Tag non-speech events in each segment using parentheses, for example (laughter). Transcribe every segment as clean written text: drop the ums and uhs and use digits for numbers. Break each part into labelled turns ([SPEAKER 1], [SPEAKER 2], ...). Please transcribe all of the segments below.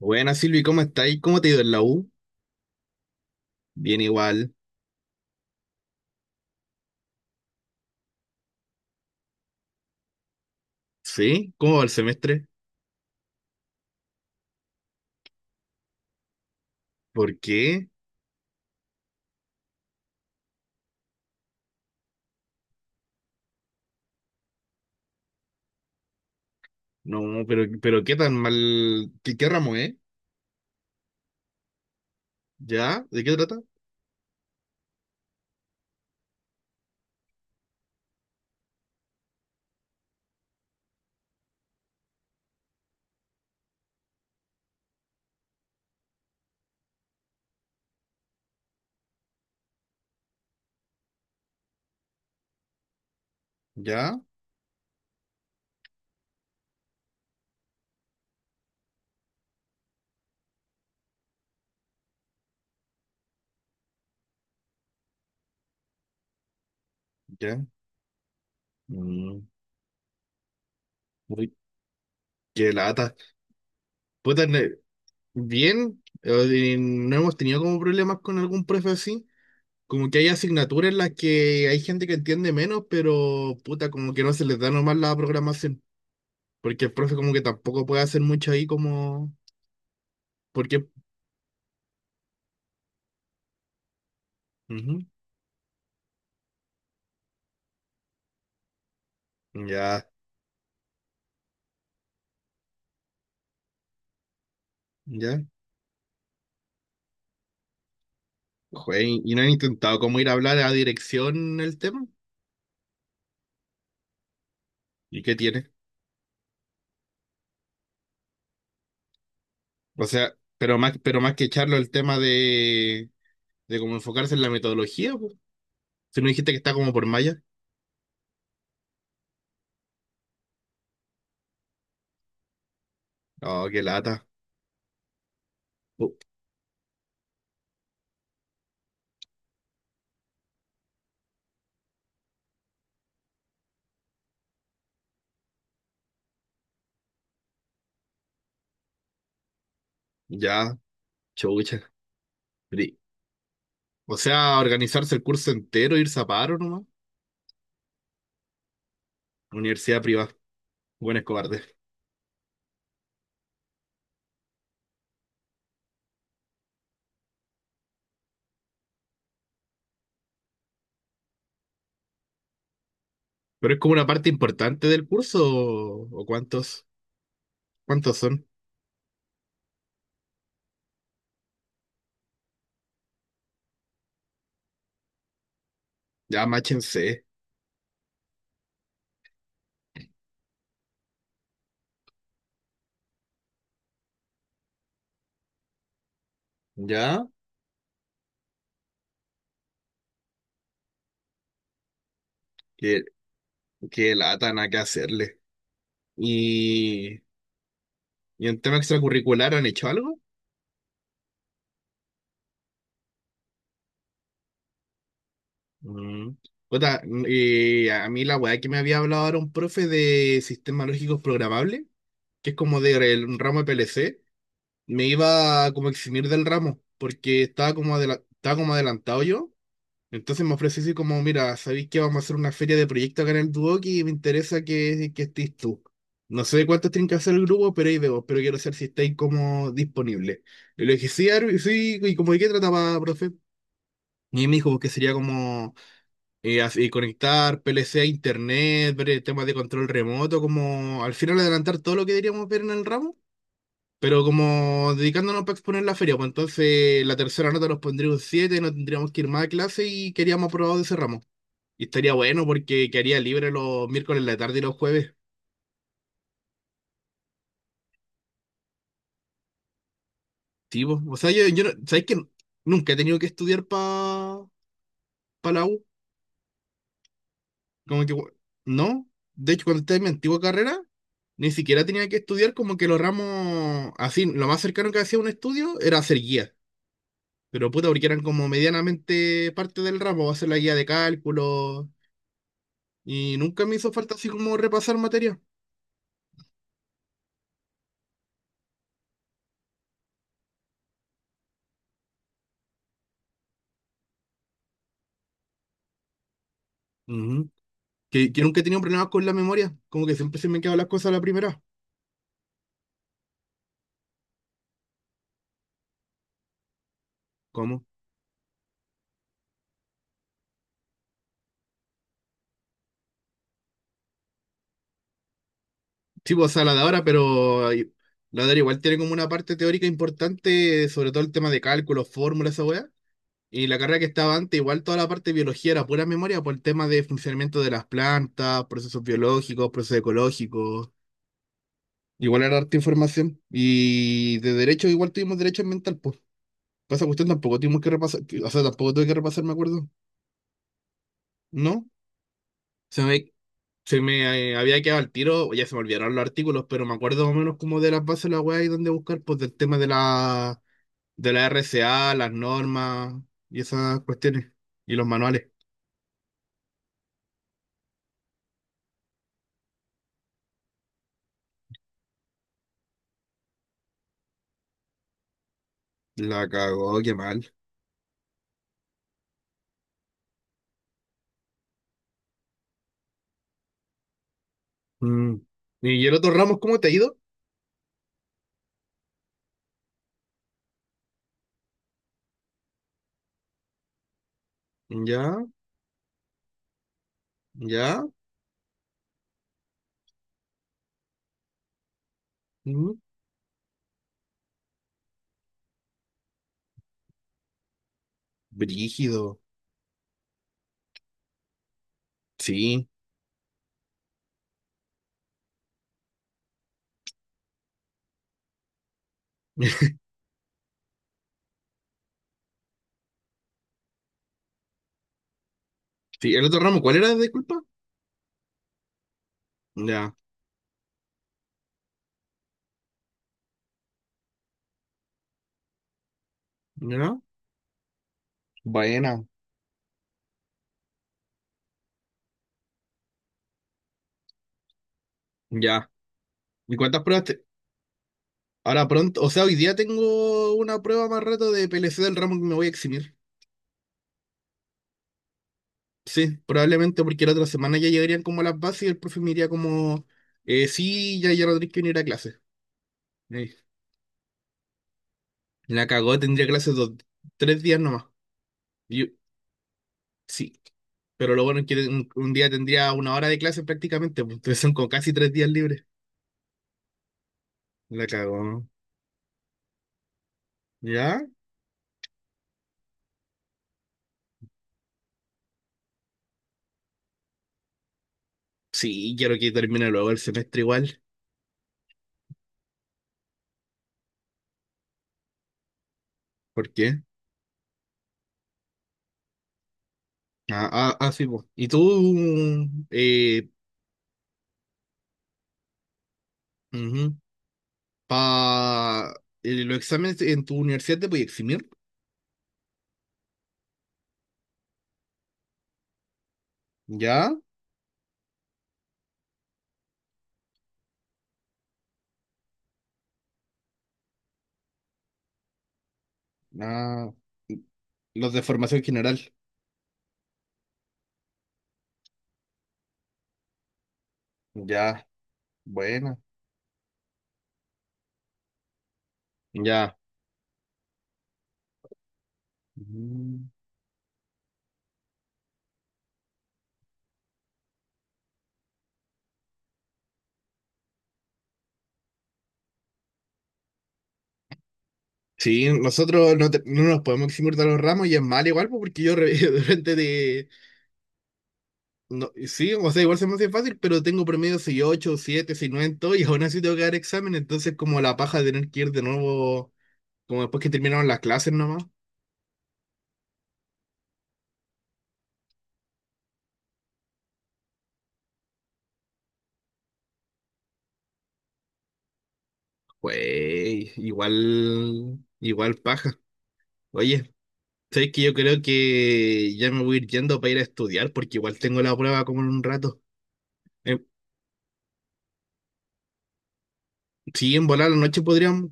[SPEAKER 1] Buenas Silvi, ¿cómo estáis? ¿Cómo te ha ido en la U? Bien igual. ¿Sí? ¿Cómo va el semestre? ¿Por qué? No, pero ¿qué tan mal? ¿Qué ramo es? ¿Ya? ¿De qué trata? ¿Ya? ¿Ya? Mm, uy, qué lata. Puta, bien, no hemos tenido como problemas con algún profe así. Como que hay asignaturas en las que hay gente que entiende menos, pero puta, como que no se les da nomás la programación. Porque el profe como que tampoco puede hacer mucho ahí como... Porque... Ujú. Ya. ¿Ya? ¿Y no han intentado cómo ir a hablar a dirección el tema? ¿Y qué tiene? O sea, pero más que echarlo el tema de cómo enfocarse en la metodología, po. Si no dijiste que está como por malla. Oh, qué lata. Uh, ya, chucha. Pri- O sea, organizarse el curso entero, irse a paro nomás. Universidad privada. Buenos cobardes. Pero es como una parte importante del curso, ¿o cuántos? ¿Cuántos son? Ya, máchense. Ya, qué, qué lata, nada que hacerle. Y ¿Y ¿en tema extracurricular han hecho algo? Mm. Puta, mm, y a mí la weá que me había hablado era un profe de sistemas lógicos programables, que es como de un ramo de PLC, me iba a como eximir del ramo, porque estaba como, estaba como adelantado yo. Entonces me ofreció así como, mira, ¿sabéis que vamos a hacer una feria de proyectos acá en el Duoc y me interesa que estés tú? No sé cuántos tienen que hacer el grupo, pero ahí veo, pero quiero saber si estáis como disponible. Y le dije, sí, Arvi, sí, y como de qué trataba, profe. Y me dijo que sería como así, conectar PLC a internet, ver temas de control remoto, como al final adelantar todo lo que deberíamos ver en el ramo, pero como dedicándonos para exponer la feria, pues entonces la tercera nota nos pondría un 7, no tendríamos que ir más a clase y queríamos aprobado de ese ramo. Y estaría bueno porque quedaría libre los miércoles en la tarde y los jueves. Sí, po. O sea, yo ¿sabes que nunca he tenido que estudiar para la U? Como que, no. De hecho, cuando estaba en mi antigua carrera, ni siquiera tenía que estudiar como que los ramos así. Lo más cercano que hacía un estudio era hacer guía. Pero puta, porque eran como medianamente parte del ramo, hacer la guía de cálculo. Y nunca me hizo falta así como repasar materia. Ujú. Que nunca he tenido problemas con la memoria. Como que siempre se me han quedado las cosas a la primera. ¿Cómo? Sí, pues, o sea, la de ahora, pero ay, la de ahora igual tiene como una parte teórica importante, sobre todo el tema de cálculos, fórmulas, esa weá. Y la carrera que estaba antes, igual toda la parte de biología era pura memoria por el tema de funcionamiento de las plantas, procesos biológicos, procesos ecológicos. Igual era harta información. Y de derecho, igual tuvimos derecho ambiental, pues. Pasa cuestión, tampoco tuvimos que repasar, o sea, tampoco tuve que repasar, me acuerdo. ¿No? Se me, se me había quedado al tiro, ya se me olvidaron los artículos, pero me acuerdo más o menos como de las bases de la web y dónde buscar, pues del tema de la RCA las normas y esas cuestiones. Y los manuales. La cagó, qué mal. Mm. ¿Y el otro Ramos, cómo te ha ido? Ya, ya. Mm, brígido. Sí. (laughs) Sí, el otro Ramos, ¿cuál era? Disculpa. Ya, ya. Buena. Ya. ¿Y cuántas pruebas Ahora pronto, o sea, hoy día tengo una prueba más rato de PLC del ramo que me voy a eximir. Sí, probablemente porque la otra semana ya llegarían como a las bases y el profe me diría como, sí, ya, ya no tenés que venir a clase. Eh, la cagó, tendría clases dos, tres días nomás. Y, sí, pero lo bueno es que un día tendría una hora de clase prácticamente, pues entonces son como casi tres días libres. La cago, ¿no? ¿Ya? Sí, quiero que termine luego el semestre igual. ¿Por qué? Ah, ah, ah, sí, pues. ¿Y tú, eh, ujú, pa, los exámenes en tu universidad te puedes eximir? ¿Ya? Ah, los de formación general. Ya, buena. Ya. Mm. Sí, nosotros no, te- no nos podemos eximir de los ramos y es mal igual, pues, porque yo re- (laughs) de repente de... no- sí, o sea, igual se me hace fácil, pero tengo promedio 8, 7, 9 en todo y aún así tengo que dar examen, entonces como la paja de tener que ir de nuevo, como después que terminaron las clases nomás, pues igual, igual paja. Oye, sabes que yo creo que ya me voy a ir yendo para ir a estudiar, porque igual tengo la prueba como en un rato. Eh, sí, en volar la noche podríamos,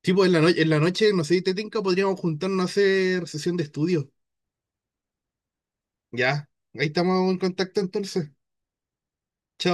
[SPEAKER 1] Tipo, en la noche, no sé si te tinca, podríamos juntarnos a hacer sesión de estudio. Ya, ahí estamos en contacto entonces. Chao.